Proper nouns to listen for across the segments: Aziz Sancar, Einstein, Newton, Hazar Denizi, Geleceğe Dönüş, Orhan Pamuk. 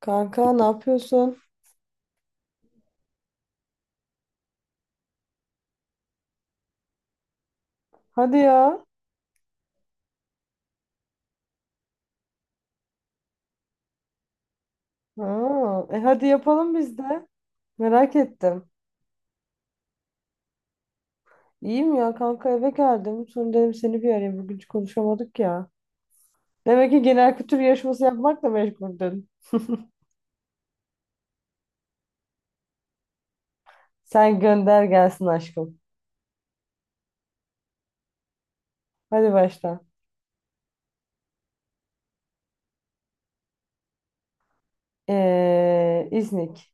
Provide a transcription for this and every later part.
Kanka ne yapıyorsun? Hadi ya. Aa, hadi yapalım biz de. Merak ettim. İyiyim ya kanka eve geldim. Sonra dedim seni bir arayayım. Bugün hiç konuşamadık ya. Demek ki genel kültür yarışması yapmakla meşguldün. Sen gönder gelsin aşkım. Hadi başla. İznik.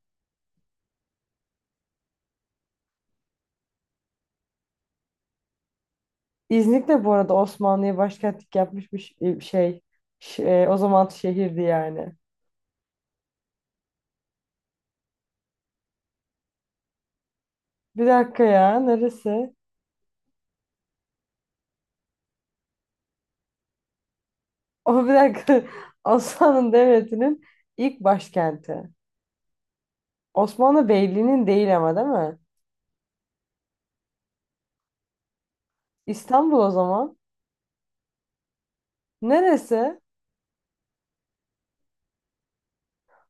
İznik de bu arada Osmanlı'ya başkentlik yapmış bir şey. O zaman şehirdi yani. Bir dakika ya neresi? O bir dakika. Osmanlı Devleti'nin ilk başkenti. Osmanlı Beyliği'nin değil ama değil mi? İstanbul o zaman. Neresi?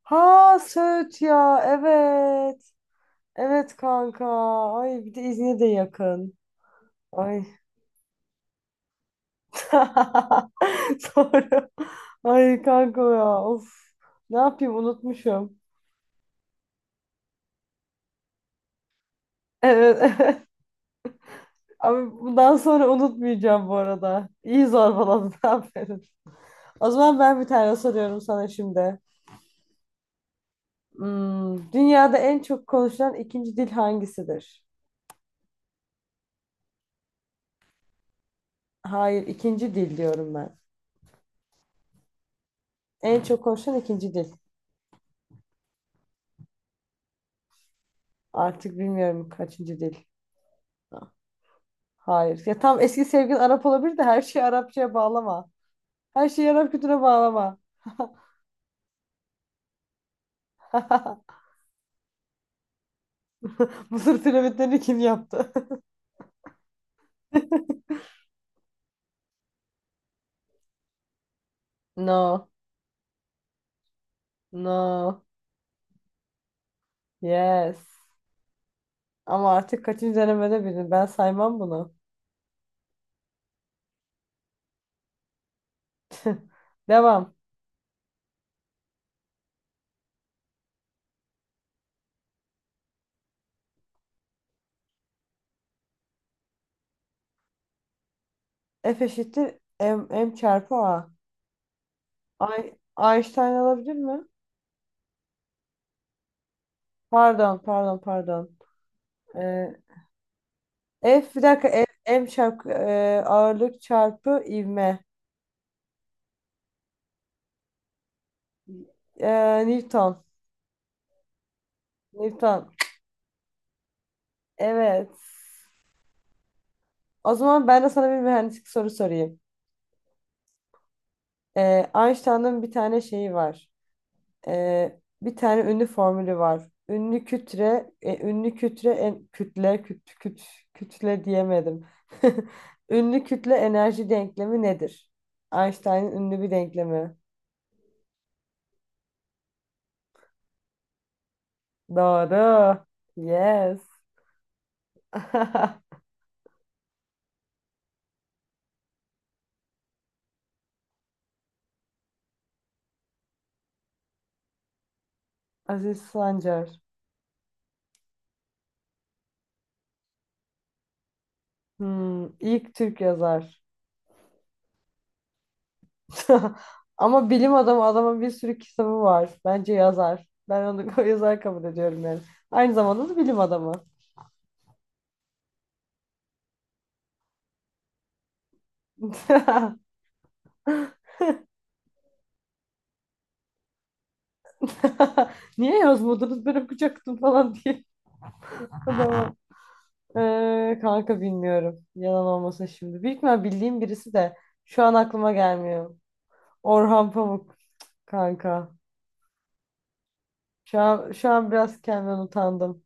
Ha Söğüt ya evet. Evet kanka. Ay bir de İzmir'e de yakın. Ay. Doğru. Ay kanka ya of. Ne yapayım unutmuşum. Evet evet. Abi bundan sonra unutmayacağım bu arada. İyi zorbaladın aferin. O zaman ben bir tane soruyorum sana şimdi. Dünyada en çok konuşulan ikinci dil hangisidir? Hayır, ikinci dil diyorum ben. En çok konuşulan ikinci dil. Artık bilmiyorum kaçıncı dil. Hayır. Ya tam eski sevgilin Arap olabilir de her şeyi Arapçaya bağlama. Her şeyi Arap kültürüne bağlama. Mısır piramitlerini kim yaptı? No. No. Yes. Ama artık kaçıncı denemede bildin. Ben saymam bunu. Devam. F eşittir M çarpı A. Ay, Einstein olabilir mi? Pardon, pardon, pardon. Ee, F bir dakika F, M çarpı ağırlık çarpı ivme. Newton. Newton. Evet. O zaman ben de sana bir mühendislik soru sorayım. E, Einstein'ın bir tane şeyi var. Bir tane ünlü formülü var. Ünlü kütle, e, ünlü kütle, en, kütle, küt, küt, kütle diyemedim. Ünlü kütle enerji denklemi nedir? Einstein'ın ünlü bir denklemi. Doğru. Yes. Aziz Sancar. Hmm, ilk Türk yazar. Ama bilim adamı adamın bir sürü kitabı var. Bence yazar. Ben onu yazar kabul ediyorum yani. Aynı zamanda da bilim adamı. Niye yazmadınız? Ben okuyacaktım falan diye. Adama. Kanka bilmiyorum. Yalan olmasın şimdi. Büyük ihtimal bildiğim birisi de şu an aklıma gelmiyor. Orhan Pamuk kanka. Şu an biraz kendimden utandım.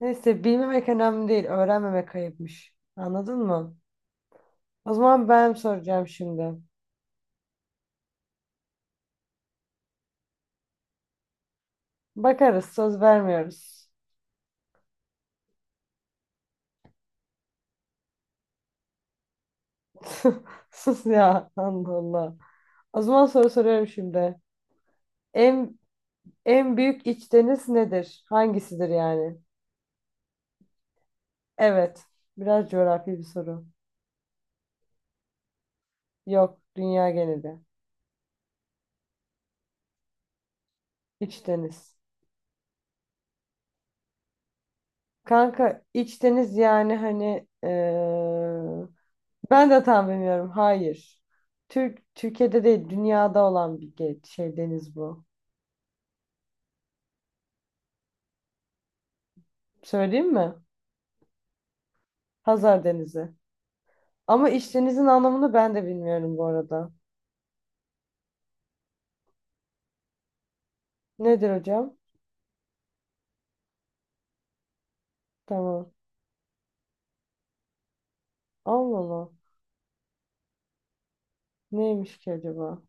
Neyse bilmemek önemli değil. Öğrenmemek ayıpmış. Anladın mı? O zaman ben soracağım şimdi. Bakarız, söz vermiyoruz. Sus ya, Allah Allah. O zaman soru soruyorum şimdi. En en büyük iç deniz nedir? Hangisidir yani? Evet, biraz coğrafi bir soru. Yok, dünya geneli. İç deniz. Kanka, iç deniz yani hani ben de tam bilmiyorum. Hayır. Türkiye'de değil, dünyada olan bir şey deniz bu. Söyleyeyim mi? Hazar Denizi. Ama işlerinizin anlamını ben de bilmiyorum bu arada. Nedir hocam? Tamam. Allah Allah. Neymiş ki acaba?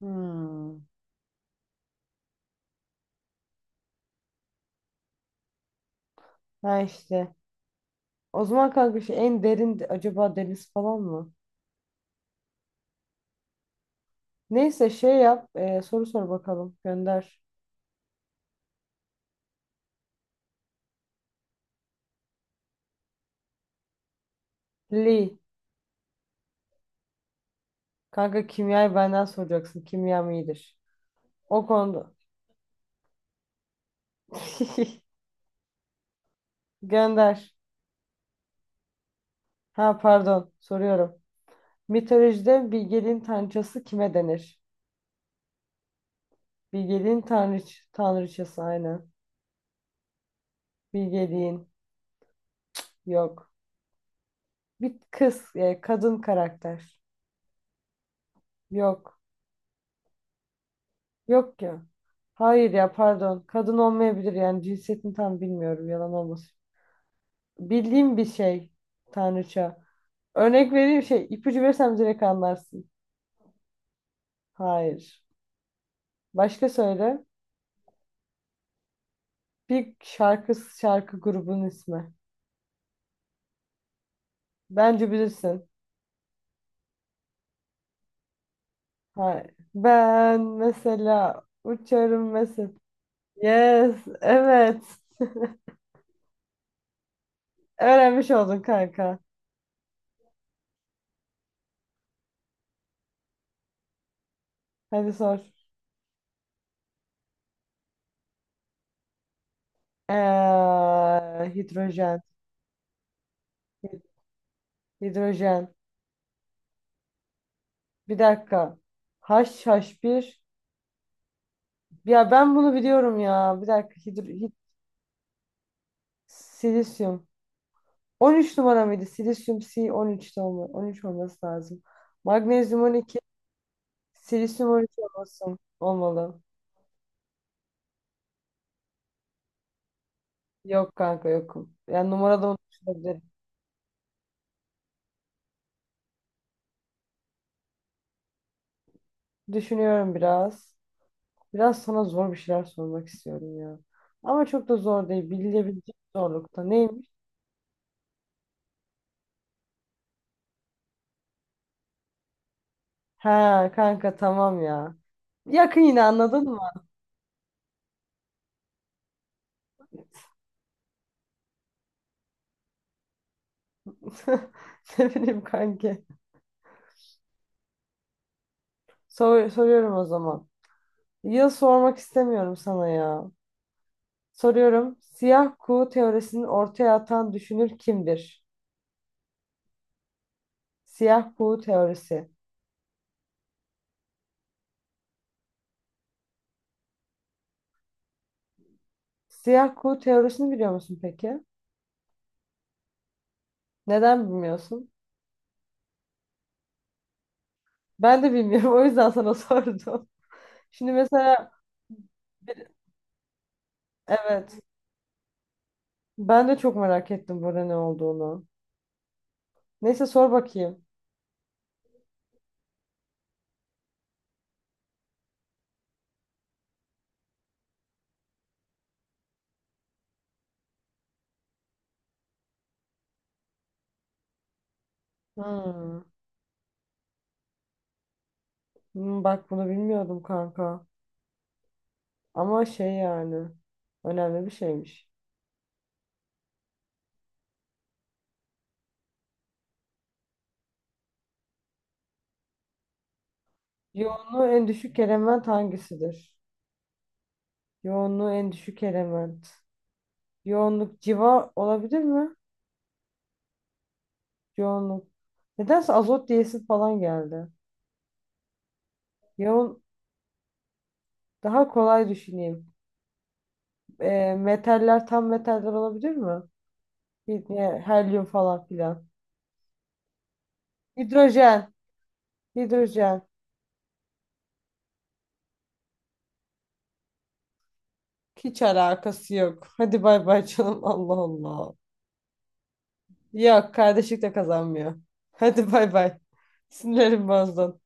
Hmm. Ha işte. O zaman kanka şu en derin acaba deniz falan mı? Neyse şey yap. Soru sor bakalım. Gönder. Lee. Kanka kimyayı benden soracaksın. Kimyam iyidir. O konuda. Gönder. Ha pardon. Soruyorum. Mitolojide bilgeliğin tanrıçası kime denir? Bilgeliğin tanrıçası aynen. Bilgeliğin. Yok. Bir kız, kadın karakter. Yok. Yok ya. Hayır ya pardon. Kadın olmayabilir yani cinsiyetini tam bilmiyorum yalan olmasın. Bildiğim bir şey tanrıça. Örnek vereyim şey ipucu versem direkt anlarsın. Hayır. Başka söyle. Bir şarkı grubunun ismi. Bence bilirsin. Hayır. Ben mesela uçarım mesela. Yes. Evet. Öğrenmiş oldun kanka. Hadi sor. Ee, hidrojen. Hid- Hidrojen. Bir dakika. Haş haş bir. Ya ben bunu biliyorum ya. Bir dakika. Silisyum. 13 numara mıydı? Silisyum C13'te 13'te 13 olması lazım. Magnezyum 12. Silisyum 13 olmasın. Olmalı. Yok kanka yokum. Yani numarada unutulabilirim. Düşünüyorum biraz. Biraz sana zor bir şeyler sormak istiyorum ya. Ama çok da zor değil. Bilinebilecek zorlukta. Neyim? Ha kanka tamam ya. Yakın yine anladın mı? Ne bileyim kanki. Soruyorum o zaman. Yıl sormak istemiyorum sana ya. Soruyorum. Siyah kuğu teorisini ortaya atan düşünür kimdir? Siyah kuğu teorisi. Siyah kuğu teorisini biliyor musun peki? Neden bilmiyorsun? Ben de bilmiyorum. O yüzden sana sordum. Şimdi mesela evet. Ben de çok merak ettim burada ne olduğunu. Neyse sor bakayım. Hmm. Bak bunu bilmiyordum kanka. Ama şey yani önemli bir şeymiş. Yoğunluğu en düşük element hangisidir? Yoğunluğu en düşük element. Yoğunluk civa olabilir mi? Yoğunluk. Nedense azot diyesi falan geldi. Yoğun daha kolay düşüneyim. E, metaller tam metaller olabilir mi? Helyum falan filan. Hidrojen. Hidrojen. Hiç alakası yok. Hadi bay bay canım. Allah Allah. Yok kardeşlik de kazanmıyor. Hadi bay bay. Sinirlerim bozdu.